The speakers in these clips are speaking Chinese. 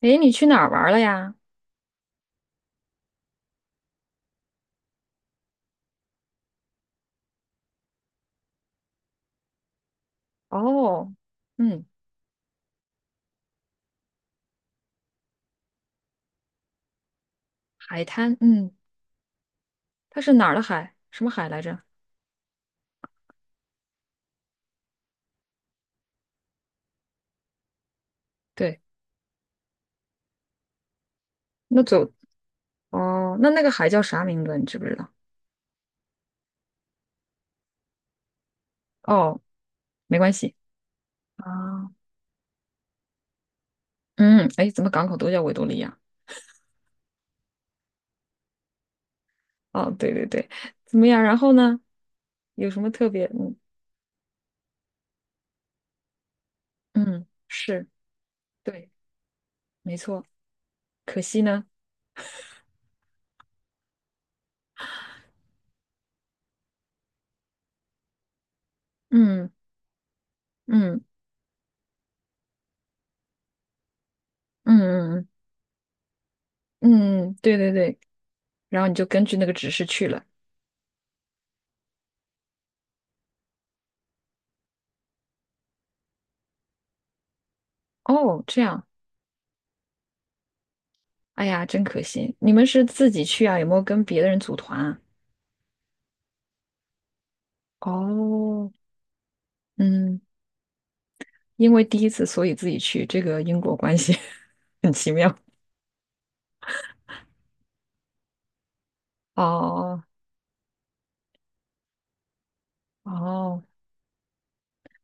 诶，你去哪儿玩了呀？哦。嗯。海滩，嗯，它是哪儿的海？什么海来着？对。那走。哦，那那个海叫啥名字？你知不知道？哦，没关系。啊。嗯。哎，怎么港口都叫维多利亚？哦，对对对，怎么样？然后呢？有什么特别？嗯嗯。是。对。没错。可惜呢，嗯嗯嗯嗯嗯,对对对。然后你就根据那个指示去了。哦，这样。哎呀，真可惜！你们是自己去啊？有没有跟别的人组团啊？哦。嗯，因为第一次，所以自己去，这个因果关系 很奇妙。哦。哦，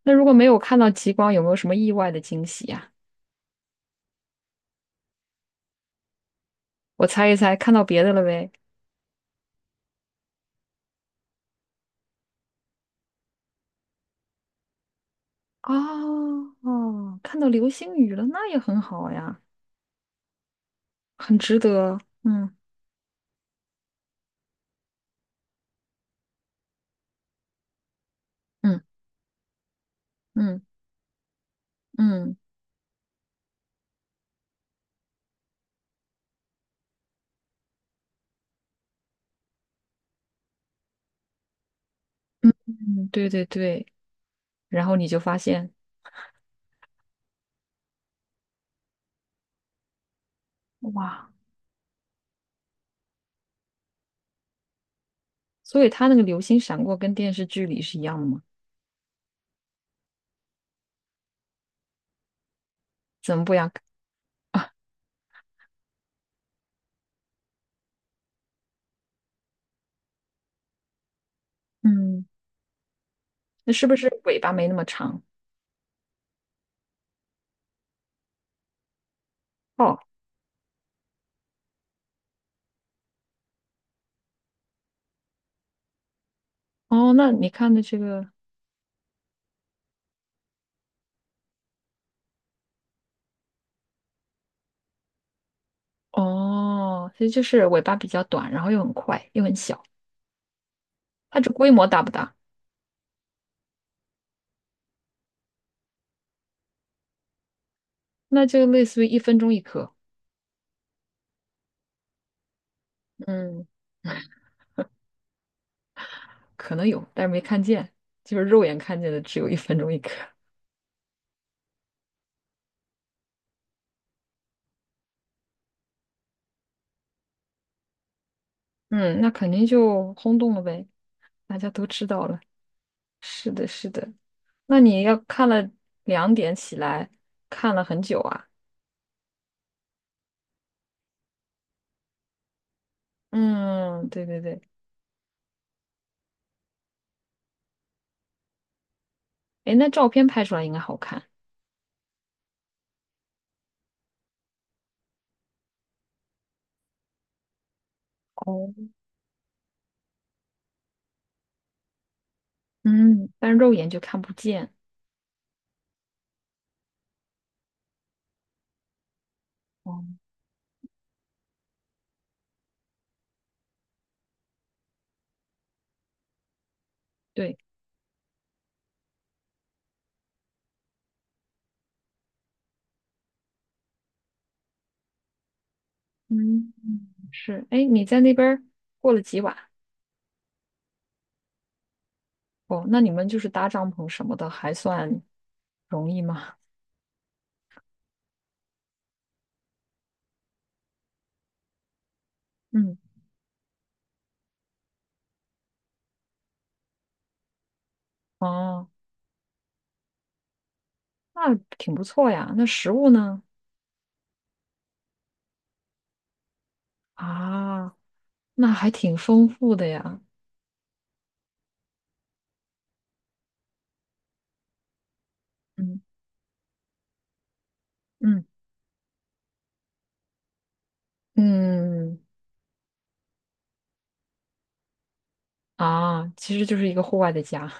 那如果没有看到极光，有没有什么意外的惊喜呀、我猜一猜，看到别的了呗？哦。哦，看到流星雨了，那也很好呀，很值得。嗯嗯嗯嗯嗯,对对对。然后你就发现，哇。所以它那个流星闪过跟电视剧里是一样的吗？怎么不一样？嗯，那是不是尾巴没那么长？哦。哦，那你看的这个哦，其实就是尾巴比较短，然后又很快，又很小。它这规模大不大？那就类似于一分钟一颗。嗯，可能有，但是没看见，就是肉眼看见的只有一分钟一颗。嗯，那肯定就轰动了呗，大家都知道了。是的，是的。那你要看了两点起来，看了很久啊。嗯，对对对。哎，那照片拍出来应该好看。哦。嗯，但肉眼就看不见。哦。对。嗯，是。哎，你在那边儿过了几晚？哦，那你们就是搭帐篷什么的，还算容易吗？嗯。哦，那挺不错呀。那食物呢？啊，那还挺丰富的呀。嗯。嗯嗯，啊，其实就是一个户外的家，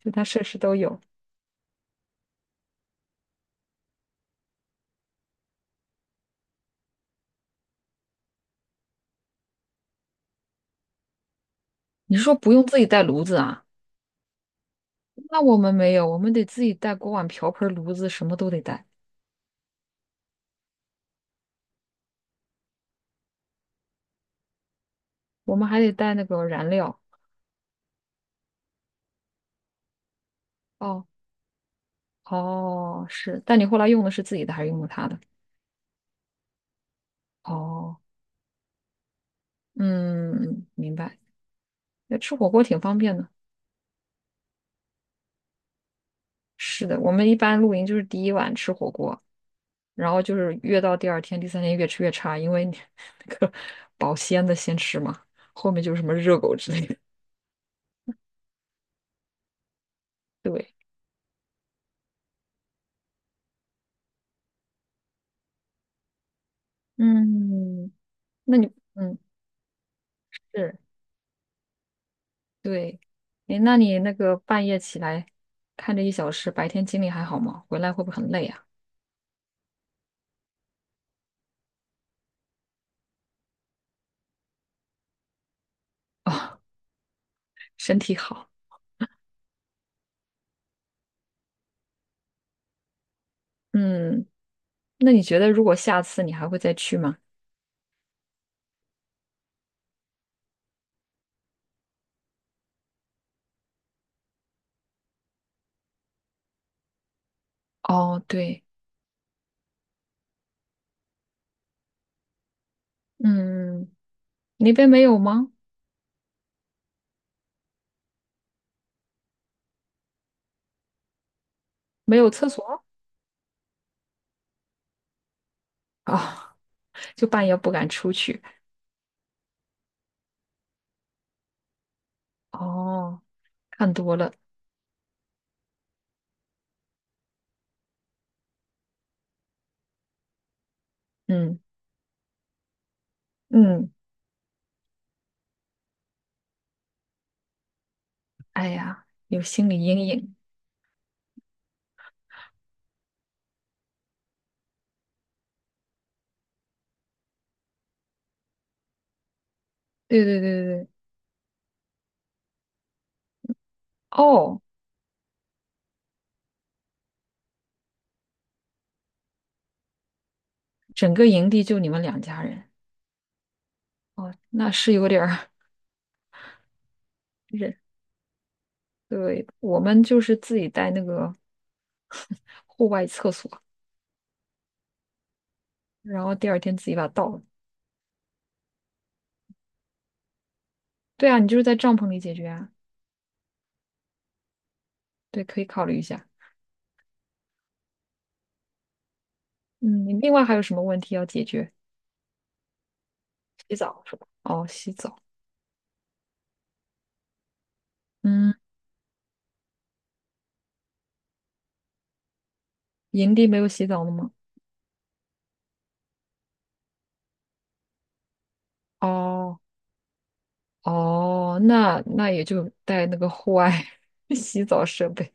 就它设施都有。你是说不用自己带炉子啊？那我们没有，我们得自己带锅碗瓢盆、炉子，什么都得带。我们还得带那个燃料。哦。哦，是，但你后来用的是自己的还是用的他的？哦。嗯，明白。那吃火锅挺方便的。是的，我们一般露营就是第一晚吃火锅，然后就是越到第二天、第三天越吃越差，因为你 那个保鲜的先吃嘛，后面就是什么热狗之类的。对。嗯，那你嗯是对，诶，那你那个半夜起来看这一小时，白天精力还好吗？回来会不会很累啊？哦，身体好。嗯。那你觉得如果下次你还会再去吗？哦，对。嗯，那边没有吗？没有厕所？哦。就半夜不敢出去。哦，看多了。嗯。嗯，哎呀，有心理阴影。对对对对。哦，整个营地就你们两家人。哦，那是有点儿 人。对，我们就是自己带那个户外厕所，然后第二天自己把它倒了。对啊，你就是在帐篷里解决啊。对，可以考虑一下。嗯，你另外还有什么问题要解决？洗澡是吧？哦，洗澡。嗯，营地没有洗澡的吗？哦。哦，那那也就带那个户外 洗澡设备。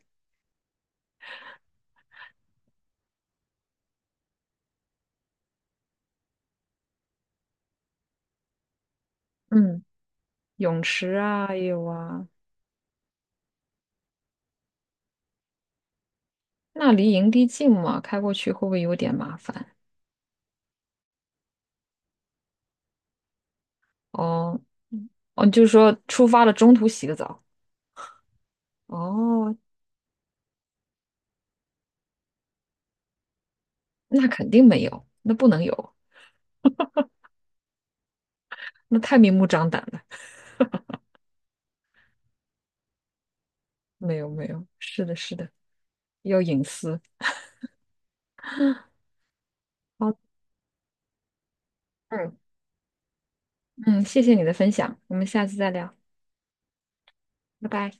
嗯，泳池啊也有啊。那离营地近吗？开过去会不会有点麻烦？哦。嗯。哦，就是说出发了中途洗个澡。哦，那肯定没有，那不能有，那太明目张胆了。没有没有，是的，是的，要隐私。好。嗯。嗯，谢谢你的分享，我们下次再聊，拜拜。